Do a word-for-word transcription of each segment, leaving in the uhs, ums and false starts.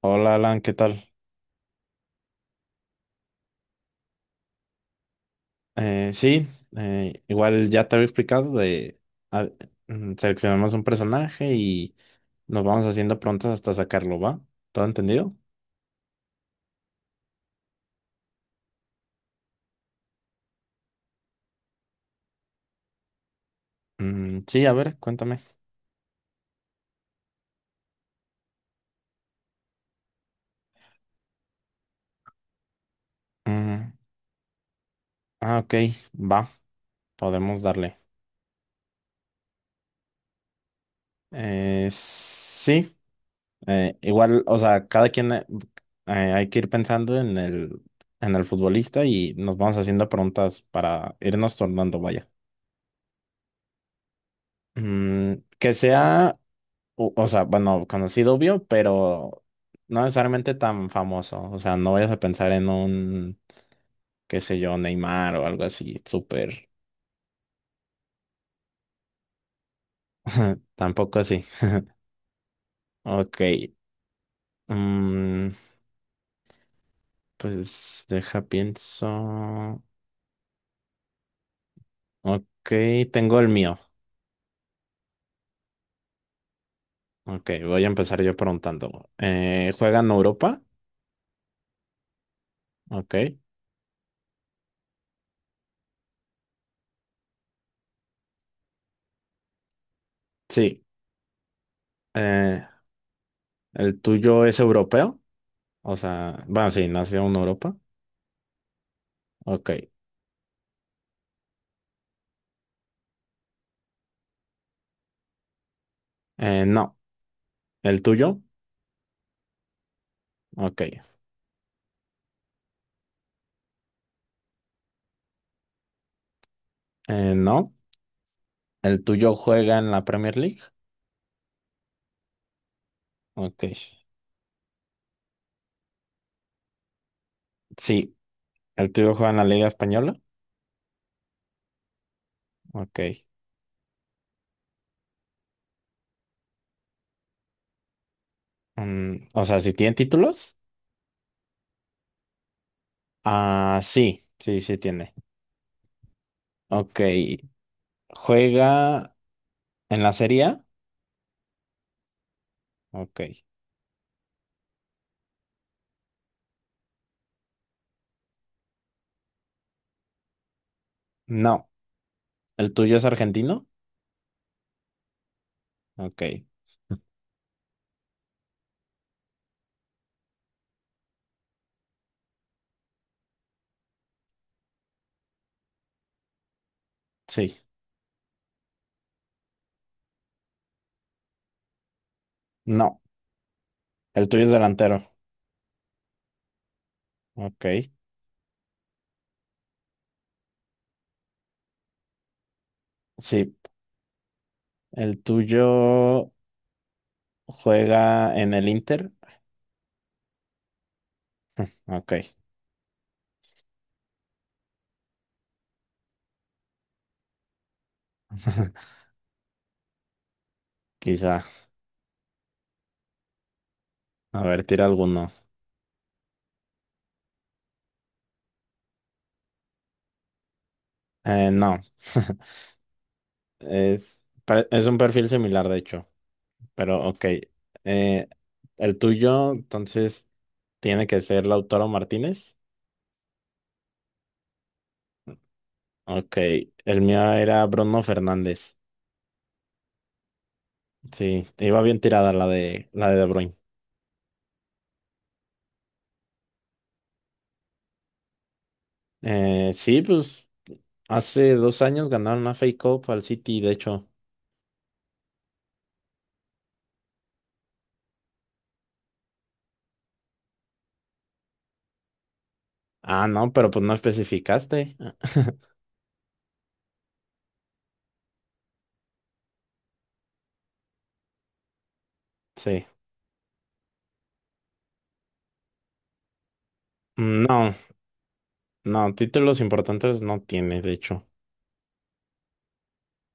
Hola Alan, ¿qué tal? Eh, sí, eh, igual ya te había explicado de a- mm, seleccionamos un personaje y nos vamos haciendo prontas hasta sacarlo, ¿va? ¿Todo entendido? Mm, sí, a ver, cuéntame. Mm, ah, ok, va, podemos darle. Eh, sí, eh, igual, o sea, cada quien eh, eh, hay que ir pensando en el, en el futbolista y nos vamos haciendo preguntas para irnos tornando, vaya. Mm, que sea u- o sea, bueno, conocido obvio, pero no necesariamente tan famoso. O sea, no vayas a pensar en un, qué sé yo, Neymar o algo así, súper. Tampoco así. Ok. mm, Pues deja, pienso. Ok, tengo el mío. Ok, voy a empezar yo preguntando. Eh, ¿juega en Europa? Ok. Sí. Eh, ¿El tuyo es europeo? O sea, bueno, sí, nació en Europa. Ok. Eh, no. ¿El tuyo? Ok. Eh, no, el tuyo juega en la Premier League. Ok. Sí, el tuyo juega en la Liga Española. Ok. Mm, ¿o sea, si tiene títulos? Ah, sí, sí, sí tiene. Ok. ¿Juega en la Serie A? Ok. No. ¿El tuyo es argentino? Ok. Sí. No. ¿El tuyo es delantero? Ok. Sí. ¿El tuyo juega en el Inter? Ok. Quizá. A ver, tira alguno. Eh, no. Es, pa- es un perfil similar, de hecho, pero ok. Eh, el tuyo, entonces, tiene que ser Lautaro Martínez. Ok, el mío era Bruno Fernández. Sí, iba bien tirada la de, la de De Bruyne. Eh, sí, pues hace dos años ganaron una F A Cup al City, de hecho. Ah, no, pero pues no especificaste. Sí. No, no, títulos importantes no tiene, de hecho.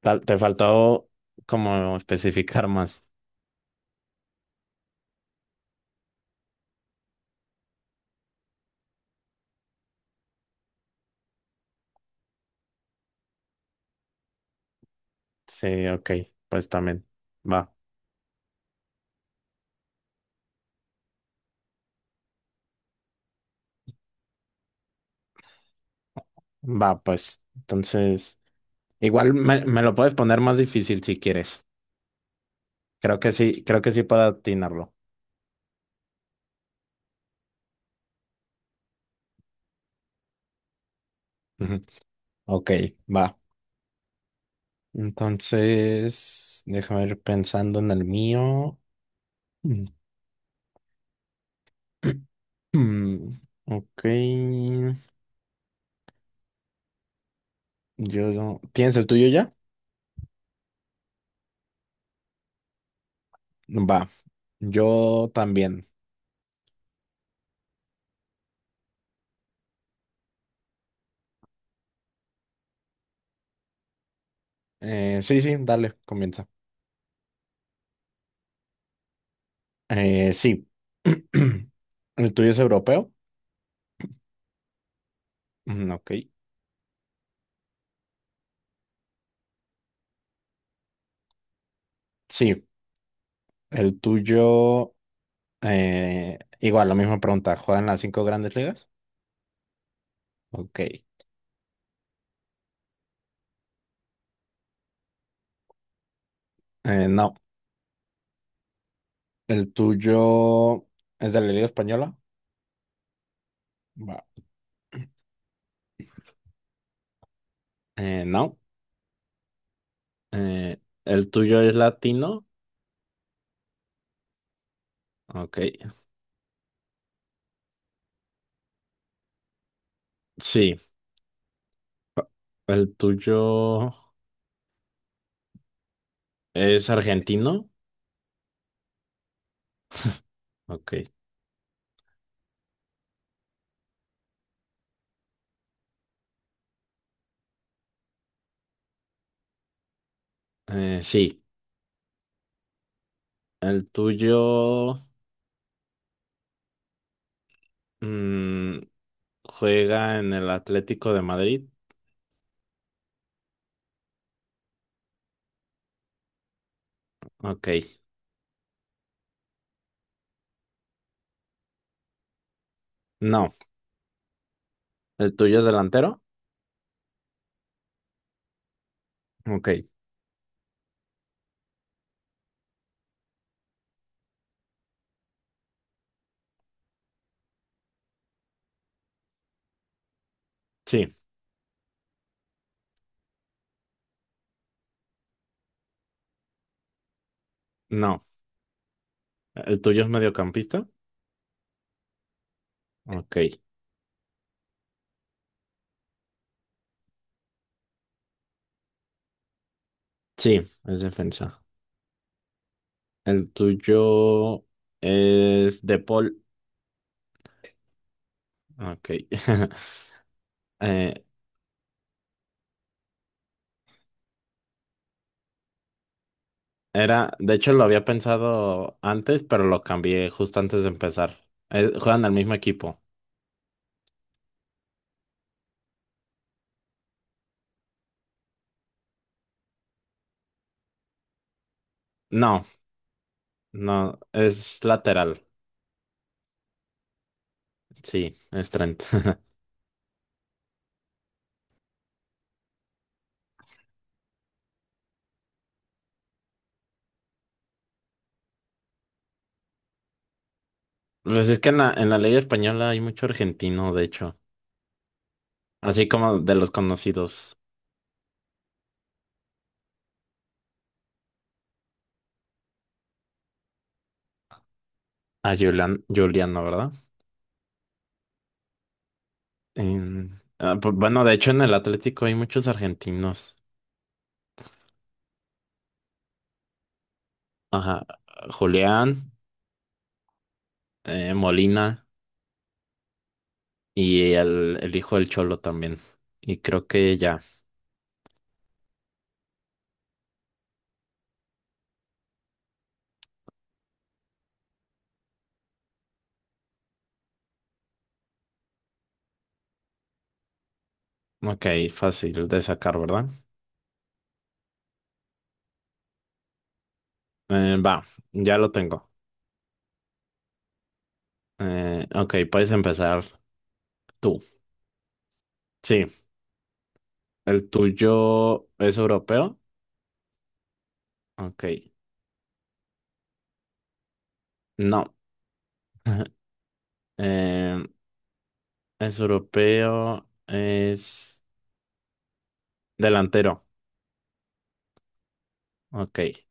Tal- te faltó como especificar más. Sí, ok, pues también. Va, va, pues. Entonces, igual me, me lo puedes poner más difícil si quieres. Creo que sí, creo que sí puedo atinarlo. Ujú. Ok, va. Entonces, déjame ir pensando en el mío. Mm, Mm, Ok, yo... no- ¿Tienes el tuyo ya? Va, yo también. Eh, sí, sí, dale, comienza. Eh, sí. ¿El tuyo es europeo? Mm, Ok, sí. El tuyo, eh, igual, la misma pregunta. ¿Juegan las cinco grandes ligas? Ok. Eh, no. ¿El tuyo es de la Liga Española? Va. Eh, no. Eh, ¿El tuyo es latino? Ok. Sí. ¿El tuyo es argentino? Ok. Eh, sí. ¿El tuyo mm, juega en el Atlético de Madrid? Ok. No. ¿El tuyo es delantero? Ok. Sí. No. ¿El tuyo es mediocampista? Ok. Sí, es defensa. El tuyo es de Paul. Ok. Eh, Era, de hecho lo había pensado antes, pero lo cambié justo antes de empezar. Eh, juegan al mismo equipo. No, no, es lateral. Sí, es Trent. Pues es que en la, en la Liga Española hay mucho argentino, de hecho. Así como de los conocidos. A Julián, Juliano, ¿verdad? En- ah, pues, bueno, de hecho en el Atlético hay muchos argentinos. Ajá. Julián, eh, Molina y el, el hijo del Cholo también. Y creo que ya. Ok, fácil de sacar, ¿verdad? Eh, va, ya lo tengo. Eh, ok, puedes empezar tú. Sí, el tuyo es europeo. Ok, no. Eh, es europeo, es delantero. Ok. Eh,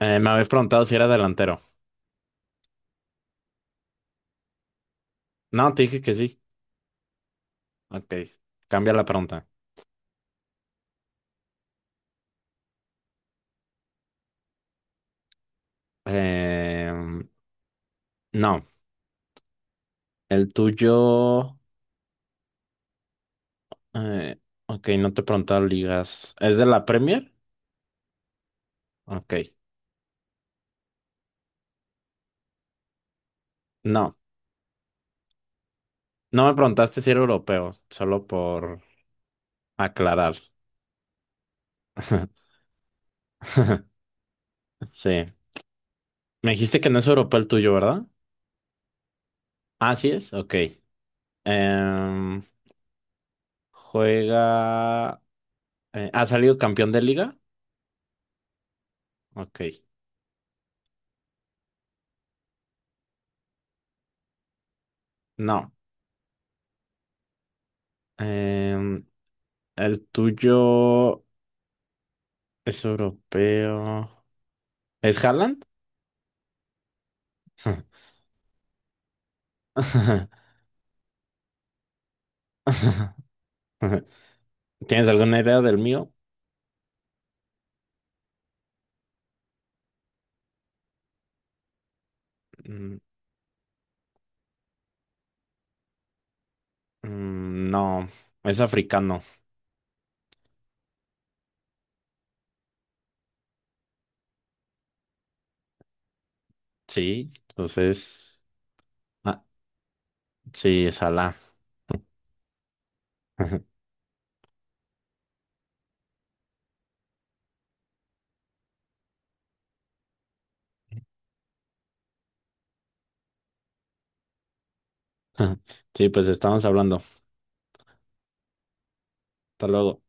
Me habéis preguntado si era delantero. No, te dije que sí. Ok, cambia la pregunta. Em, no, el tuyo... eh, ok, no te he preguntado ligas. ¿Es de la Premier? Ok, no. No me preguntaste si era europeo, solo por aclarar. Sí. Me dijiste que no es europeo el tuyo, ¿verdad? Ah, sí es. Ok. Em, juega... eh, ¿Ha salido campeón de liga? Ok. No. Em, el tuyo... Es europeo. ¿Es Haaland? ¿Tienes alguna idea del mío? Mm, mm, No, es africano. Sí, entonces. Ah, sí, es Alá. Sí, pues estamos hablando. Hasta luego.